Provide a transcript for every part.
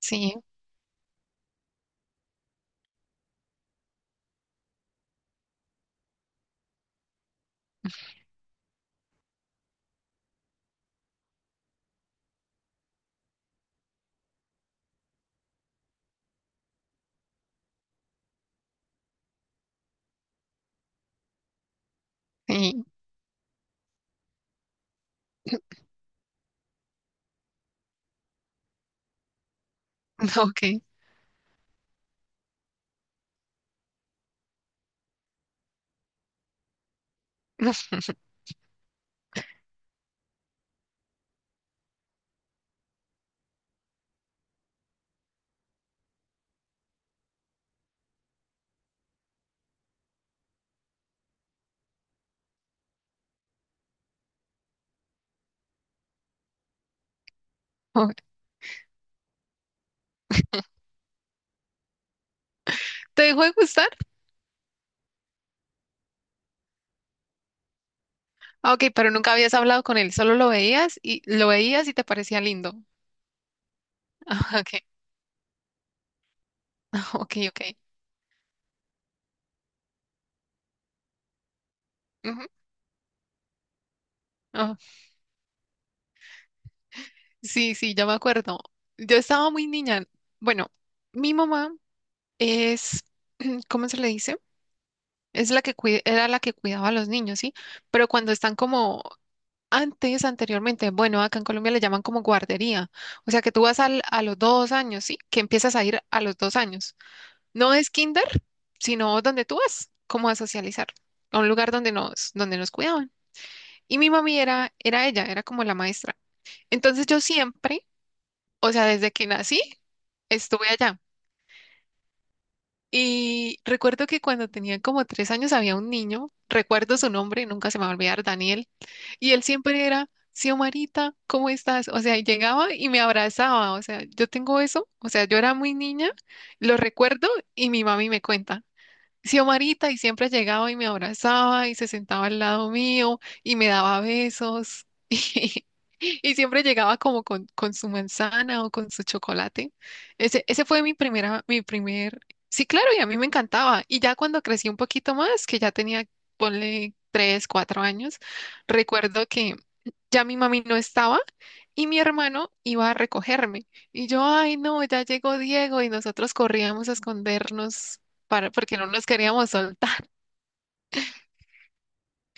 Sí, sí, ok. ¿Te dejó de gustar? Ah, ok, pero nunca habías hablado con él, solo lo veías y te parecía lindo. Ah, ok, ok, ok. Ujú. Ah, sí, sí, ya me acuerdo. Yo estaba muy niña. Bueno, mi mamá es, ¿cómo se le dice? Es la que era la que cuidaba a los niños, ¿sí? Pero cuando están como antes, anteriormente, bueno, acá en Colombia le llaman como guardería. O sea que tú vas a los 2 años, ¿sí? Que empiezas a ir a los 2 años. No es kinder, sino donde tú vas, como a socializar, a un lugar donde nos cuidaban. Y mi mami era ella, era como la maestra. Entonces yo siempre, o sea, desde que nací, estuve allá. Y recuerdo que cuando tenía como 3 años había un niño, recuerdo su nombre, nunca se me va a olvidar, Daniel, y él siempre era, Xiomarita, ¿cómo estás? O sea, y llegaba y me abrazaba, o sea, yo tengo eso, o sea, yo era muy niña, lo recuerdo y mi mami me cuenta. Xiomarita y siempre llegaba y me abrazaba y se sentaba al lado mío y me daba besos y, siempre llegaba como con su manzana o con su chocolate. Ese fue mi primer, sí, claro, y a mí me encantaba. Y ya cuando crecí un poquito más, que ya tenía, ponle tres, cuatro años, recuerdo que ya mi mami no estaba y mi hermano iba a recogerme. Y yo, ay, no, ya llegó Diego y nosotros corríamos a escondernos para, porque no nos queríamos soltar.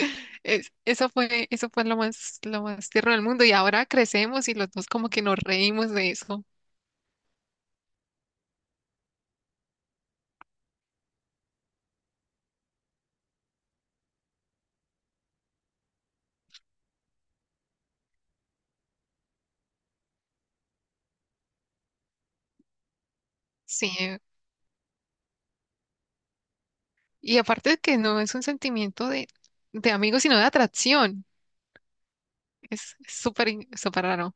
Eso fue lo más tierno del mundo y ahora crecemos y los dos como que nos reímos de eso. Sí, y aparte de que no es un sentimiento de amigos, sino de atracción. Es súper, súper raro.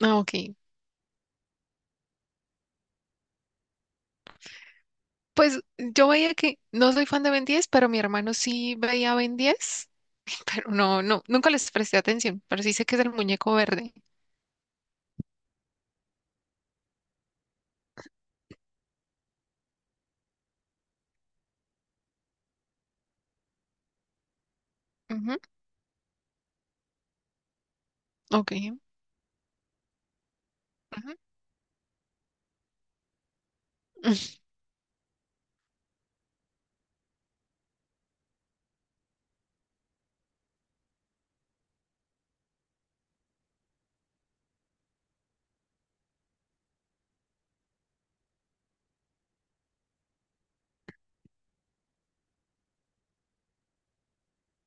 Ah, ok. Pues yo veía que no soy fan de Ben 10, pero mi hermano sí veía Ben 10, pero no, no, nunca les presté atención, pero sí sé que es el muñeco verde. Ujú, ok. Ujú.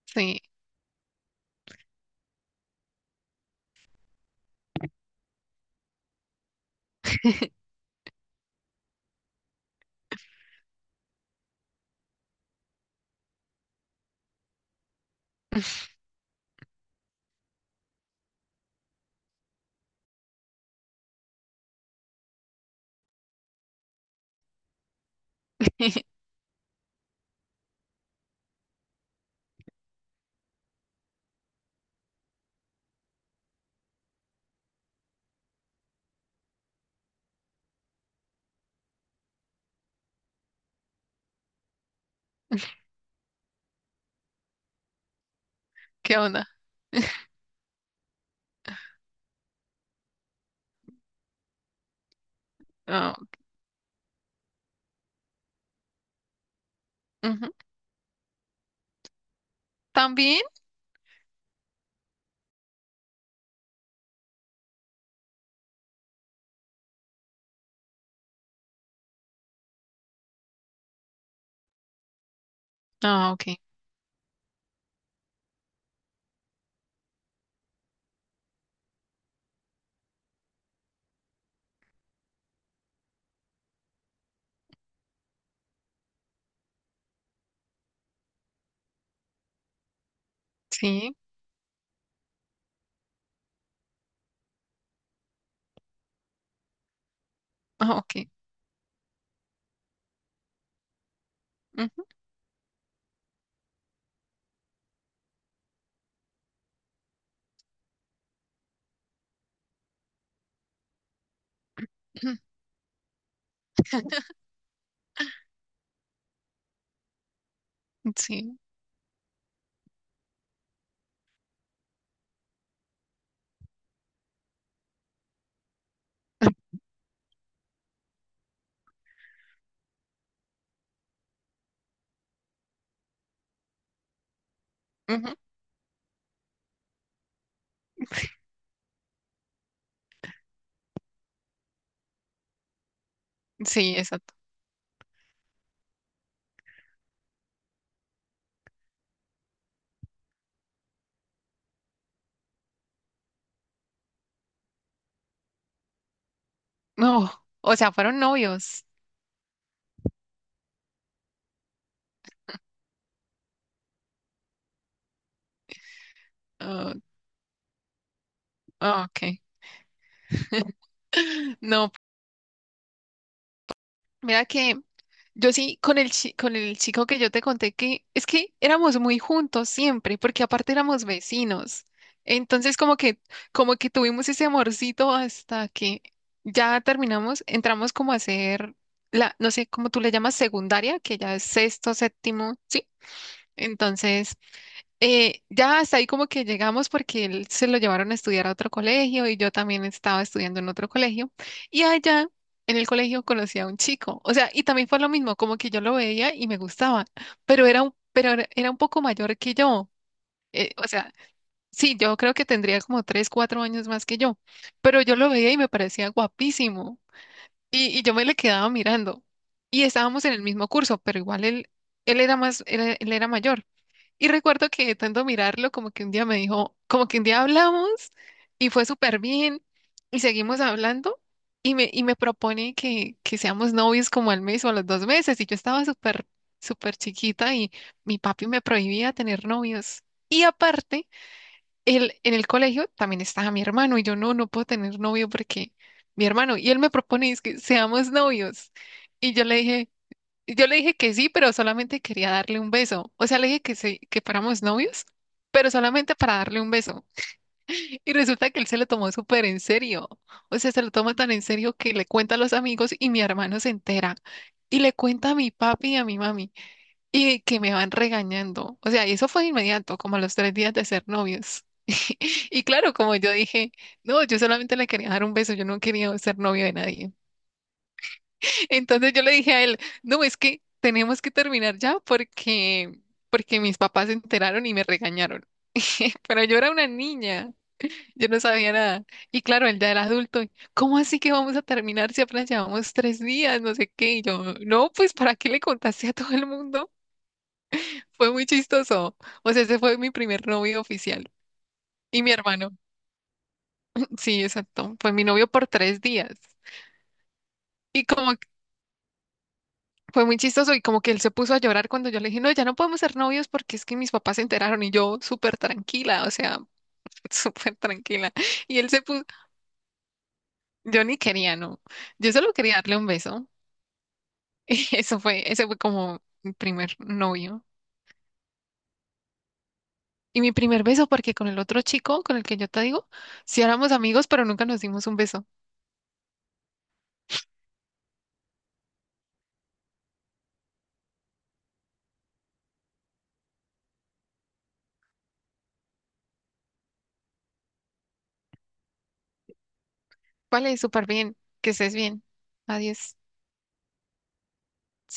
Sí. ¿Qué onda? Ah, ujú. También. Ah, ok. Sí. Ah, ok. Ujú. Sí. Ujú. Sí, exacto. No, o sea, fueron novios. Ah, ah, ok. No, mira que yo sí, con el chico que yo te conté que es que éramos muy juntos siempre, porque aparte éramos vecinos. Entonces, como que tuvimos ese amorcito hasta que ya terminamos, entramos como a hacer la, no sé, cómo tú le llamas secundaria, que ya es sexto, séptimo. Entonces, ya hasta ahí como que llegamos porque él se lo llevaron a estudiar a otro colegio y yo también estaba estudiando en otro colegio. Y allá en el colegio conocí a un chico. O sea, y también fue lo mismo, como que yo lo veía y me gustaba, pero pero era un poco mayor que yo. O sea, sí, yo creo que tendría como tres, cuatro años más que yo, pero yo lo veía y me parecía guapísimo. Y yo me le quedaba mirando. Y estábamos en el mismo curso, pero igual él era más, él era mayor. Y recuerdo que de tanto mirarlo, como que un día me dijo, como que un día hablamos y fue súper bien y seguimos hablando y me propone que seamos novios como al mes o a los 2 meses y yo estaba súper, súper chiquita y mi papi me prohibía tener novios. Y aparte, él, en el colegio también estaba mi hermano y yo no, no puedo tener novio porque mi hermano y él me propone es que seamos novios. Y yo le dije que sí, pero solamente quería darle un beso. O sea, le dije que sí, que fuéramos novios, pero solamente para darle un beso. Y resulta que él se lo tomó súper en serio. O sea, se lo toma tan en serio que le cuenta a los amigos y mi hermano se entera. Y le cuenta a mi papi y a mi mami. Y que me van regañando. O sea, y eso fue de inmediato, como a los 3 días de ser novios. Y claro, como yo dije, no, yo solamente le quería dar un beso, yo no quería ser novio de nadie. Entonces yo le dije a él, no, es que tenemos que terminar ya porque mis papás se enteraron y me regañaron. Pero yo era una niña, yo no sabía nada. Y claro, él ya era adulto. Y, ¿cómo así que vamos a terminar si apenas llevamos 3 días? No sé qué. Y yo, no, pues ¿para qué le contaste a todo el mundo? Fue muy chistoso. O sea, ese fue mi primer novio oficial. Y mi hermano, sí, exacto. Fue mi novio por 3 días. Y como Fue muy chistoso y como que él se puso a llorar cuando yo le dije, no, ya no podemos ser novios porque es que mis papás se enteraron y yo súper tranquila, o sea, súper tranquila. Y él se puso, yo ni quería, no, yo solo quería darle un beso. Y eso fue, ese fue como mi primer novio. Y mi primer beso porque con el otro chico, con el que yo te digo, sí éramos amigos, pero nunca nos dimos un beso. Vale, súper bien, que estés bien. Adiós.